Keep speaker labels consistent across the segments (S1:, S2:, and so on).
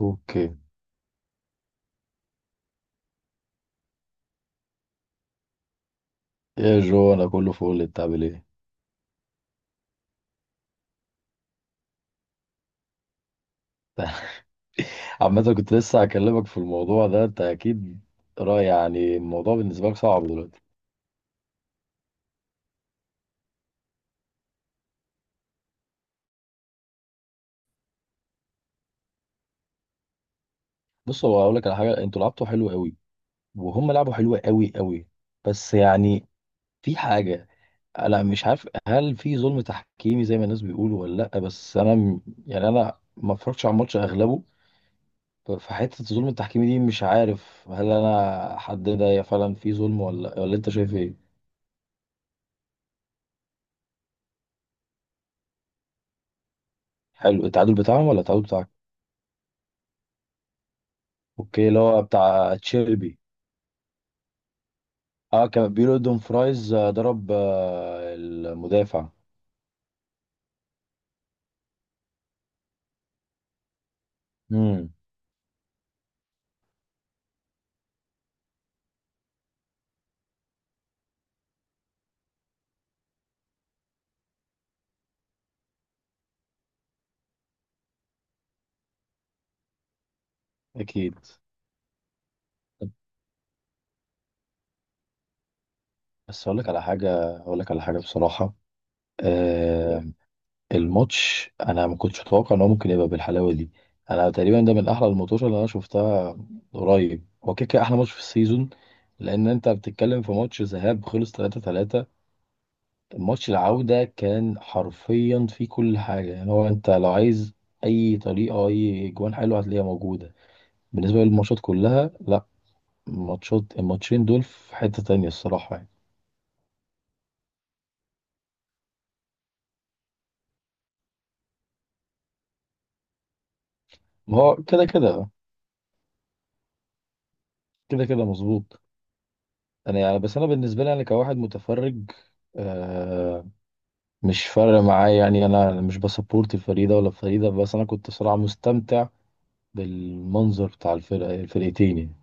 S1: اوكي. يا جو انا كله فول، انت عامل ايه؟ عامة كنت لسه هكلمك في الموضوع ده. انت اكيد رأي، يعني الموضوع بالنسبة لك صعب دلوقتي. بص، هو هقول لك على حاجة: انتوا لعبتوا حلو قوي وهم لعبوا حلو قوي قوي، بس يعني في حاجة. انا مش عارف هل في ظلم تحكيمي زي ما الناس بيقولوا ولا لا، بس انا يعني انا ما اتفرجتش على الماتش اغلبه. فحتة الظلم التحكيمي دي مش عارف هل انا حددها، هي فعلا في ظلم ولا انت شايف ايه؟ حلو التعادل بتاعهم ولا التعادل بتاعك؟ اوكي، اللي هو بتاع تشيلبي. اه كان بيقولوا دون فرايز ضرب المدافع. امم، اكيد. بس اقول لك على حاجه، اقول لك على حاجه بصراحه. آه. الماتش انا ما كنتش متوقع ان هو ممكن يبقى بالحلاوه دي. انا تقريبا ده من احلى الماتشات اللي انا شفتها. قريب هو كده كده احلى ماتش في السيزون، لان انت بتتكلم في ماتش ذهاب خلص 3-3. ماتش العودة كان حرفيا فيه كل حاجة، يعني هو انت لو عايز اي طريقة، اي جوان حلوة هتلاقيها موجودة. بالنسبة للماتشات كلها لا، ماتشات الماتشين دول في حتة تانية الصراحة يعني. ما هو كده كده مظبوط. انا يعني، بس انا بالنسبة لي انا كواحد متفرج آه مش فارق معايا يعني. انا مش بسبورت الفريق ده ولا الفريق ده، بس انا كنت صراحة مستمتع بالمنظر بتاع الفرقتين يعني.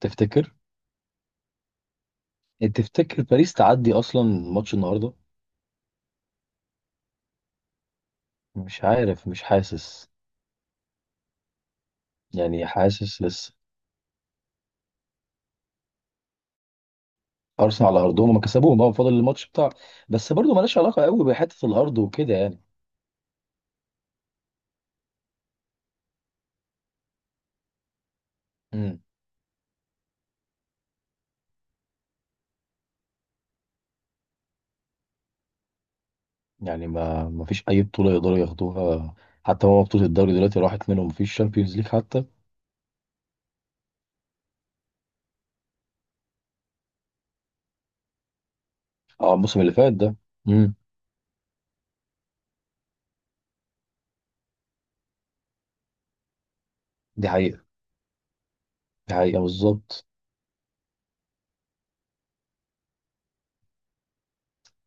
S1: تفتكر؟ يعني تفتكر باريس تعدي اصلا ماتش النهارده؟ مش عارف، مش حاسس. يعني حاسس لسه. ارسنال على ارضهم هم كسبوهم اه، فاضل الماتش بتاع. بس برضه مالهاش علاقه قوي بحته الارض وكده يعني. امم. يعني ما فيش اي بطوله يقدروا ياخدوها. حتى هو بطوله الدوري دلوقتي راحت منهم، ما فيش شامبيونز ليج حتى. اه الموسم اللي فات ده. امم. دي حقيقه. دي حقيقه بالظبط.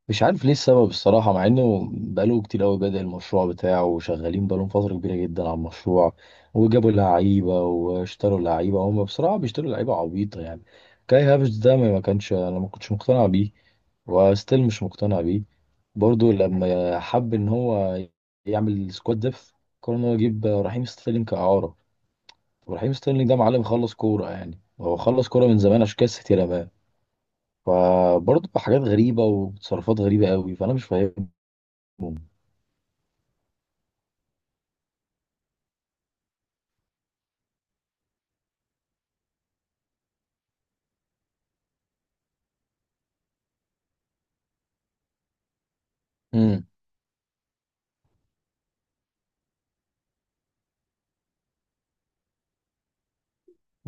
S1: مش عارف ليه السبب الصراحة، مع انه بقاله كتير قوي بدأ المشروع بتاعه وشغالين بقالهم فترة كبيرة جدا على المشروع، وجابوا لعيبة واشتروا لعيبة. هم بصراحة بيشتروا لعيبة عبيطة يعني. كاي هافرتس ده ما كانش انا ما كنتش مقتنع بيه، وستيل مش مقتنع بيه. برضو لما حب ان هو يعمل سكواد ديف، قرر ان هو يجيب رحيم ستيرلينج كإعارة. ورحيم ستيرلينج ده معلم خلص كورة يعني، هو خلص كورة من زمان، عشان كده السيتي رماه. فبرضه حاجات غريبة وتصرفات غريبة قوي، فأنا مش فاهمهم. امم.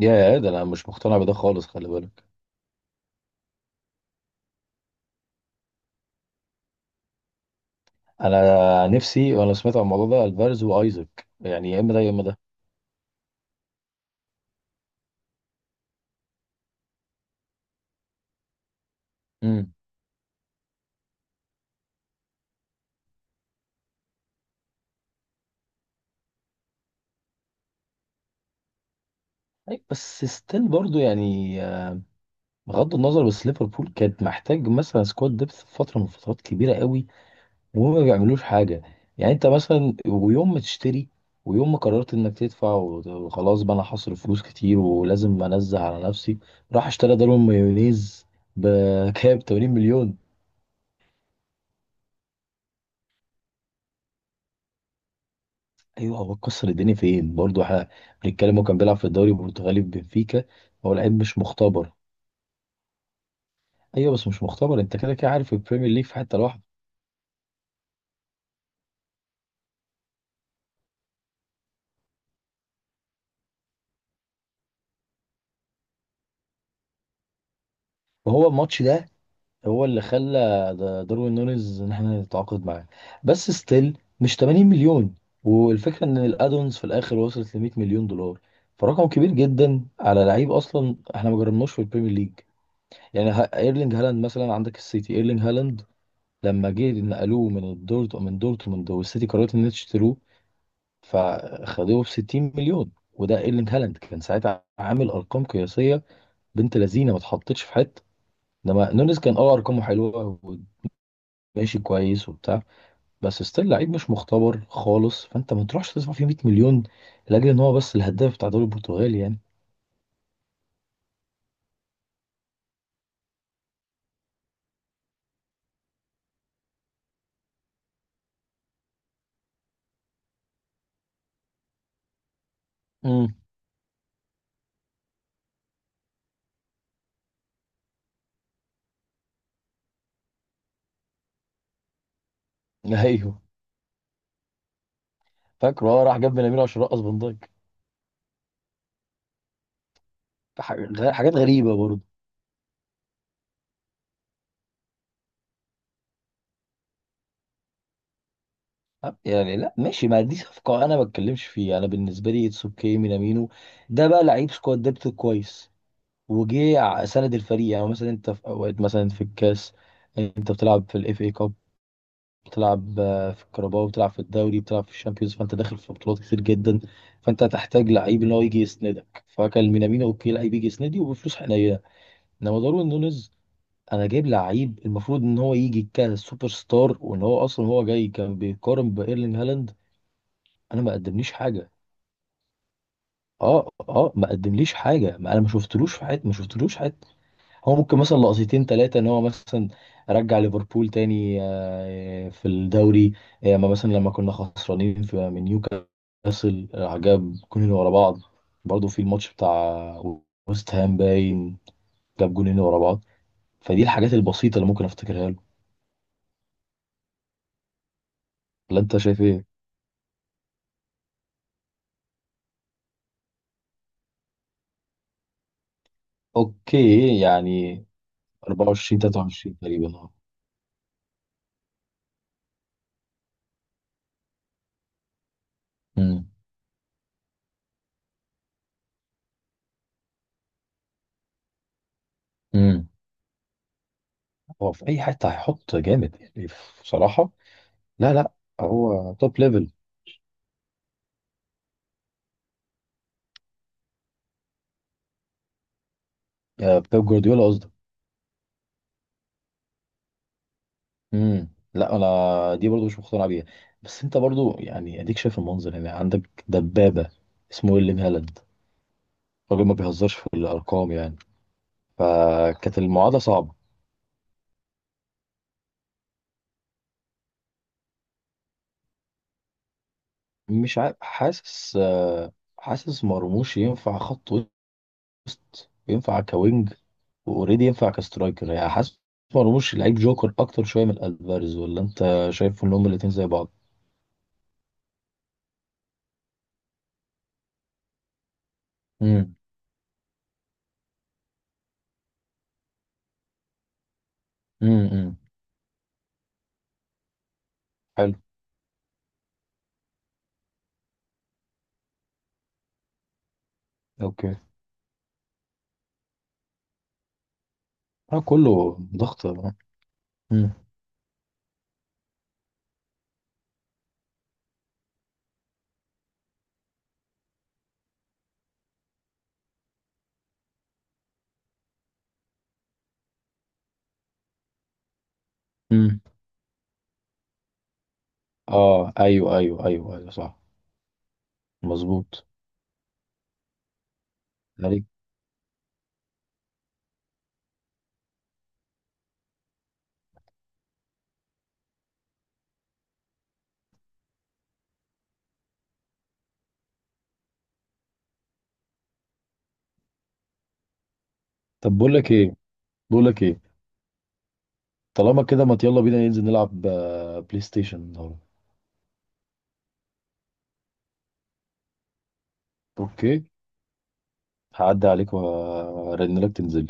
S1: يا ده انا مش مقتنع بده خالص، خلي بالك. انا نفسي وانا سمعت عن الموضوع ده الفارز وايزك، يعني يا اما ده يا اما ده. امم. أي بس ستيل برضو يعني بغض النظر، بس ليفربول كانت محتاج مثلا سكواد ديبث في فتره من فترات كبيره قوي وهم ما بيعملوش حاجه. يعني انت مثلا، ويوم ما تشتري ويوم ما قررت انك تدفع وخلاص بقى انا هصرف فلوس كتير ولازم انزه على نفسي، راح اشترى دارون مايونيز بكام 80 مليون. ايوه هو كسر الدنيا فين؟ برضه احنا بنتكلم هو كان بيلعب في الدوري البرتغالي في بنفيكا. هو لعيب مش مختبر. ايوه بس مش مختبر، انت كده كده عارف البريمير ليج في حته لوحده. وهو الماتش ده هو اللي خلى داروين نونيز ان احنا نتعاقد معاه. بس ستيل مش 80 مليون. والفكره ان الادونز في الاخر وصلت ل 100 مليون دولار. فرقم كبير جدا على لعيب اصلا احنا ما جربناش في البريمير ليج. يعني ايرلينج هالاند مثلا عندك السيتي ايرلينج هالاند لما جه نقلوه من الدورت من دورتموند، والسيتي قررت ان هي تشتروه فخدوه ب 60 مليون. وده ايرلينج هالاند كان ساعتها عامل ارقام قياسيه، بنت لذينه ما اتحطتش في حته. انما نونيز كان ارقامه حلوه وماشي كويس وبتاع، بس ستيل لعيب مش مختبر خالص، فانت ما تروحش تدفع فيه 100 مليون لاجل ان هو بس الهداف بتاع الدوري البرتغالي يعني. امم. ايوه فاكره، اه راح جاب بنامينو عشان رقص فان دايك. حاجات غريبه برضه. أه، يعني لا ماشي، ما دي صفقه انا ما بتكلمش فيها. انا بالنسبه لي اتس اوكي، مينامينو ده بقى لعيب سكواد ديبت كويس، وجه سند الفريق. يعني مثلا انت في اوقات مثلا في الكاس انت بتلعب في الاف اي كاب، بتلعب في الكرباو، بتلعب في الدوري، بتلعب في الشامبيونز، فانت داخل في بطولات كتير جدا، فانت هتحتاج لعيب ان هو يجي يسندك، فكان مينامينو اوكي لعيب يجي يسندي وبفلوس حنينه. انما داروين نونيز، انا جايب لعيب المفروض ان هو يجي كسوبر ستار، وان هو اصلا هو جاي كان بيقارن بايرلينج هالاند. انا ما قدمليش حاجه. اه ما قدمليش حاجه، ما انا ما شفتلوش في حياتي، ما شفتلوش. هو ممكن مثلا لقطتين ثلاثة ان هو مثلا رجع ليفربول تاني في الدوري. اما مثلا لما كنا خسرانين في من نيوكاسل جاب جونين ورا بعض. برضه في الماتش بتاع ويست هام باين جاب جونين ورا بعض. فدي الحاجات البسيطة اللي ممكن افتكرها له. ولا انت شايف ايه؟ اوكي، يعني 24 23 تقريبا اه. امم. امم. هو في اي حتة هيحط جامد يعني، بصراحة. لا لا، هو توب ليفل. آه، بيب جوارديولا. امم. لا، انا دي برضو مش مقتنع بيها. بس انت برضو يعني اديك شايف المنظر. يعني عندك دبابه اسمه ويليام هالاند، راجل ما بيهزرش في الارقام يعني. فكانت المعادله صعبه. مش عارف، حاسس حاسس مرموش ينفع خط وسط، ينفع كوينج، واوريدي ينفع كسترايكر. يعني حاسس مرموش لعيب جوكر اكتر شويه من الفاريز، ولا انت شايف ان هما الاتنين زي بعض؟ امم. امم. حلو. اوكي. اه كله ضغط. امم. اه ايوه ايوه ايوه ايوه، صح، مظبوط عليك. طب بقول لك ايه، بقول لك ايه، طالما كده ما يلا بينا ننزل نلعب بلاي ستيشن النهارده. اوكي، هعدي عليك وارن لك تنزل.